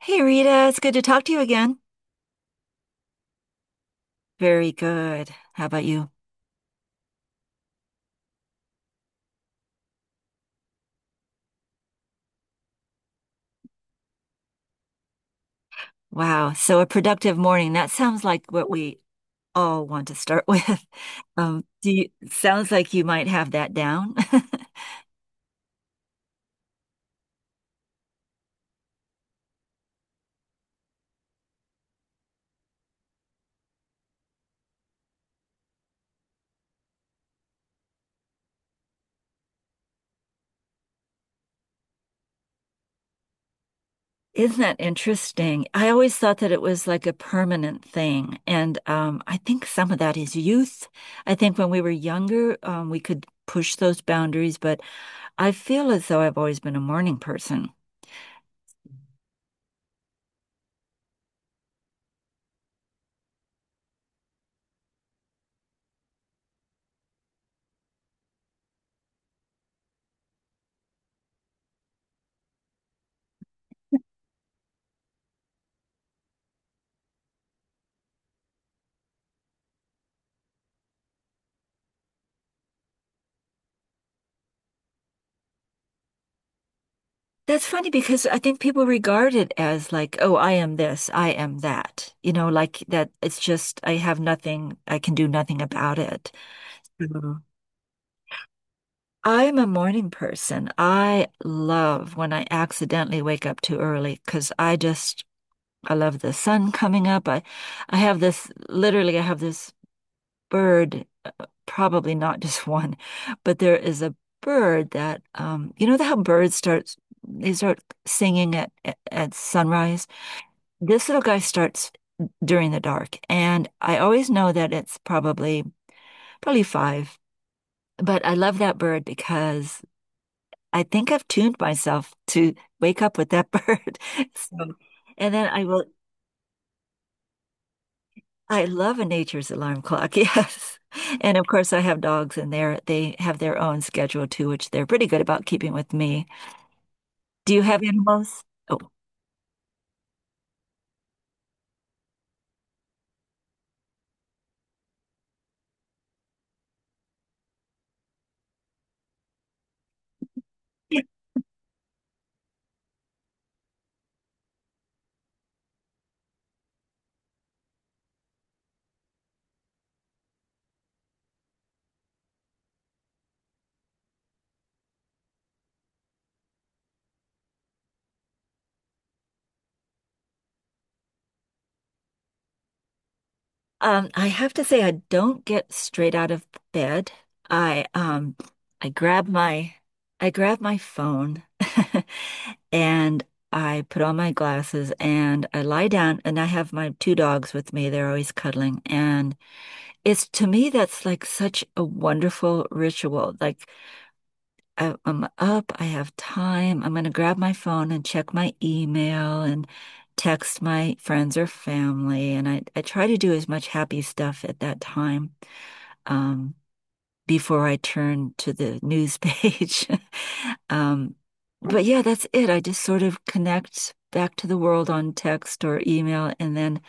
Hey Rita, it's good to talk to you again. Very good. How about you? Wow, so a productive morning. That sounds like what we all want to start with. Sounds like you might have that down. Isn't that interesting? I always thought that it was like a permanent thing. And I think some of that is youth. I think when we were younger, we could push those boundaries, but I feel as though I've always been a morning person. That's funny because I think people regard it as like, oh, I am this, I am that. You know, like that it's just I have nothing, I can do nothing about it. Mhm. I'm a morning person. I love when I accidentally wake up too early because I just I love the sun coming up. I have this literally I have this bird, probably not just one, but there is a bird that you know how birds start they start singing at sunrise? This little guy starts during the dark, and I always know that it's probably five. But I love that bird because I think I've tuned myself to wake up with that bird. So, and then I will. I love a nature's alarm clock. Yes. And of course, I have dogs, and they have their own schedule too, which they're pretty good about keeping with me. Do you have animals? Oh, I have to say, I don't get straight out of bed. I um, I grab my, I grab my phone, and I put on my glasses and I lie down and I have my two dogs with me. They're always cuddling. And it's to me, that's like such a wonderful ritual. Like I'm up, I have time. I'm going to grab my phone and check my email and text my friends or family. And I try to do as much happy stuff at that time. Um, Before I turn to the news page. Um, but yeah, that's it. I just sort of connect back to the world on text or email,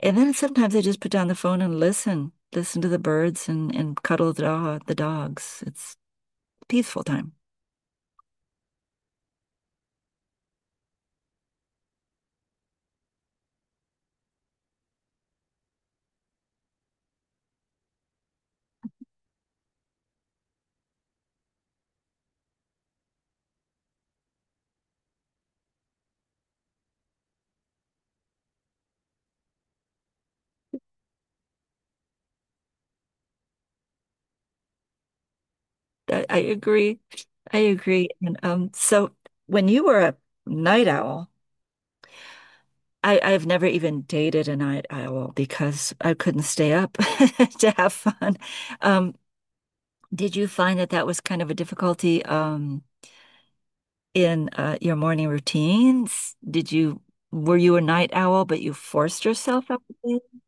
and then sometimes I just put down the phone and listen, listen to the birds and cuddle the dog, the dogs. It's a peaceful time. I agree. I agree. And so when you were a night owl, I've never even dated a night owl because I couldn't stay up to have fun. Um, did you find that that was kind of a difficulty in your morning routines? Did you Were you a night owl, but you forced yourself up to bed?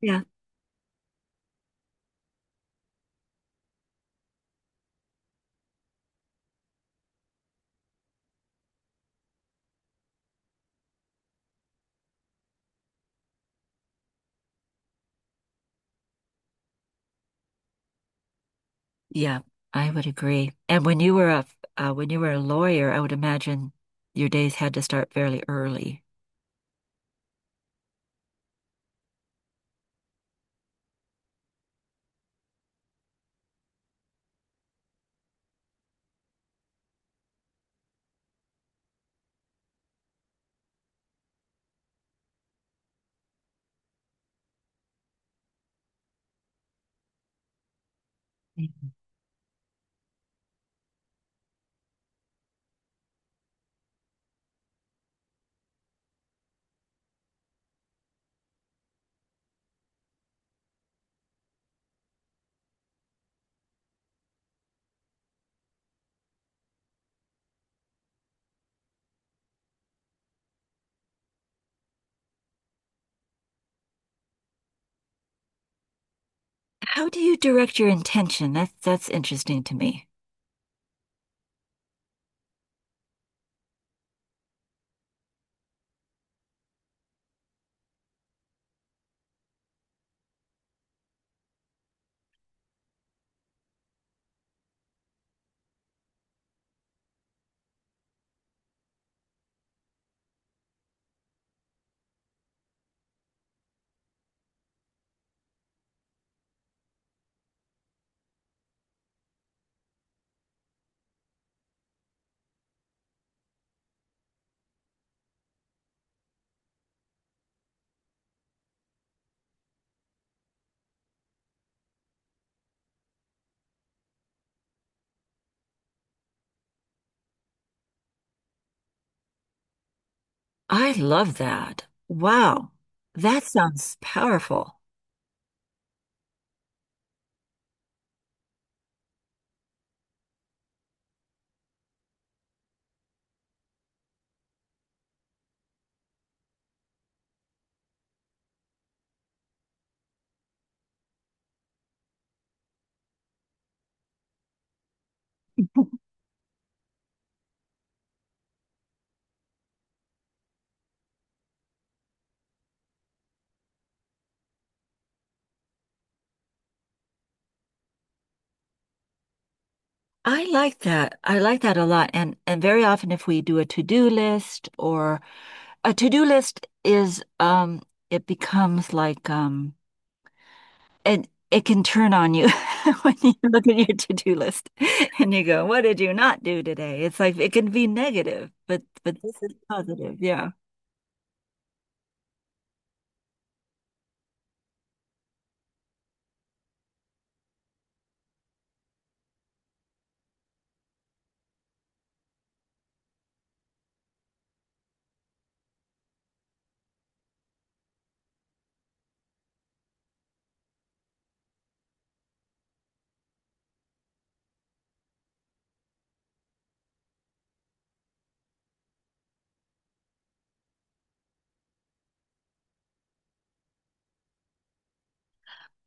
Yeah, yeah, I would agree. And when you were a when you were a lawyer, I would imagine your days had to start fairly early. How do you direct your intention? That's interesting to me. I love that. Wow. That sounds powerful. I like that. I like that a lot. And very often if we do a to-do list or a to-do list is it becomes like it it can turn on you when you look at your to-do list and you go, what did you not do today? It's like it can be negative, but this is positive. Yeah.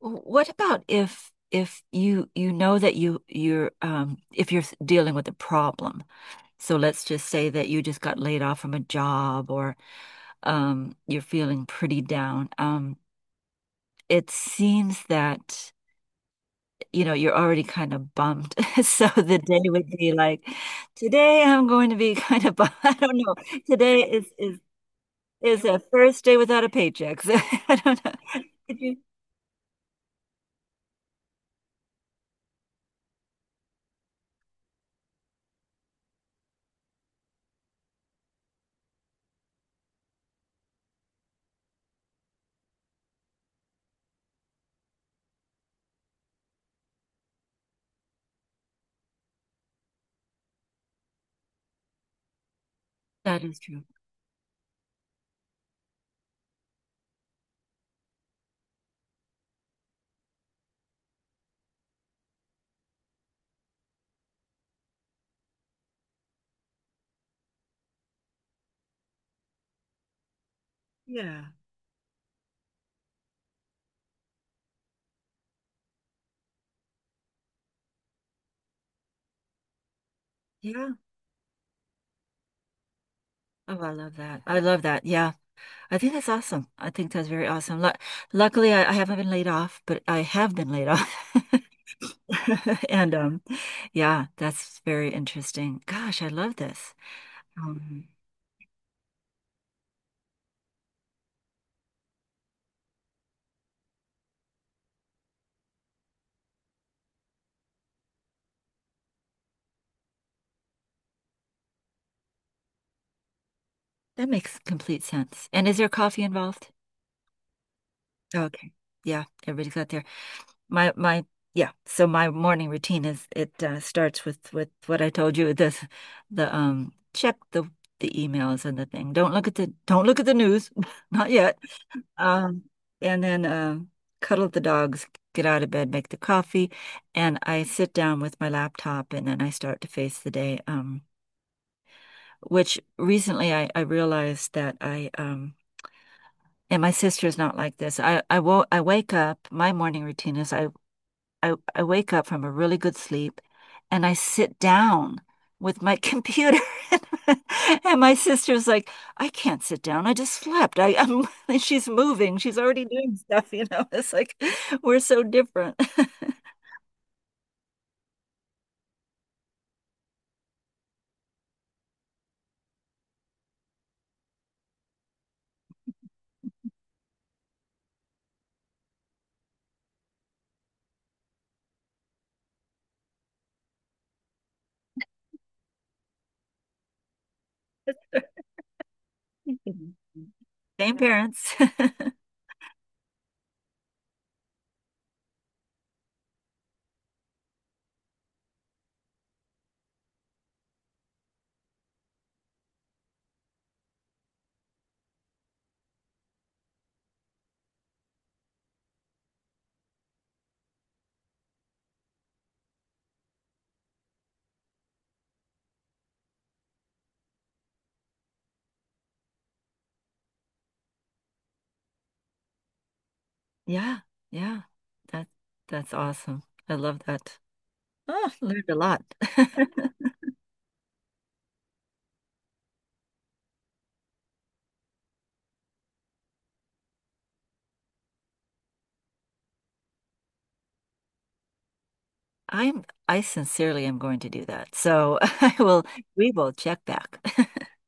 What about if you you know that you you're if you're dealing with a problem. So let's just say that you just got laid off from a job or you're feeling pretty down. It seems that, you know, you're already kind of bummed. So the day would be like, today I'm going to be kind of bummed. I don't know. Today Is a first day without a paycheck. So I don't know. Could you? That is true. Yeah. Yeah. Oh, I love that. I love that. Yeah. I think that's awesome. I think that's very awesome. Lu luckily, I haven't been laid off, but I have been laid off. And yeah, that's very interesting. Gosh, I love this. Um, that makes complete sense. And is there coffee involved? Okay. Yeah, everybody's got there. My my yeah, so my morning routine is it starts with what I told you, this the check the emails and the thing. Don't look at the don't look at the news. Not yet. Um, and then cuddle the dogs, get out of bed, make the coffee, and I sit down with my laptop and then I start to face the day. Which recently I realized that I and my sister's not like this. I wake up, my morning routine is I wake up from a really good sleep and I sit down with my computer. And my sister's like, I can't sit down. I just slept. And she's moving. She's already doing stuff, you know. It's like we're so different. Same parents. Yeah, yeah. That that's awesome. I love that. Oh, learned a lot. I sincerely am going to do that. So I will we will check back.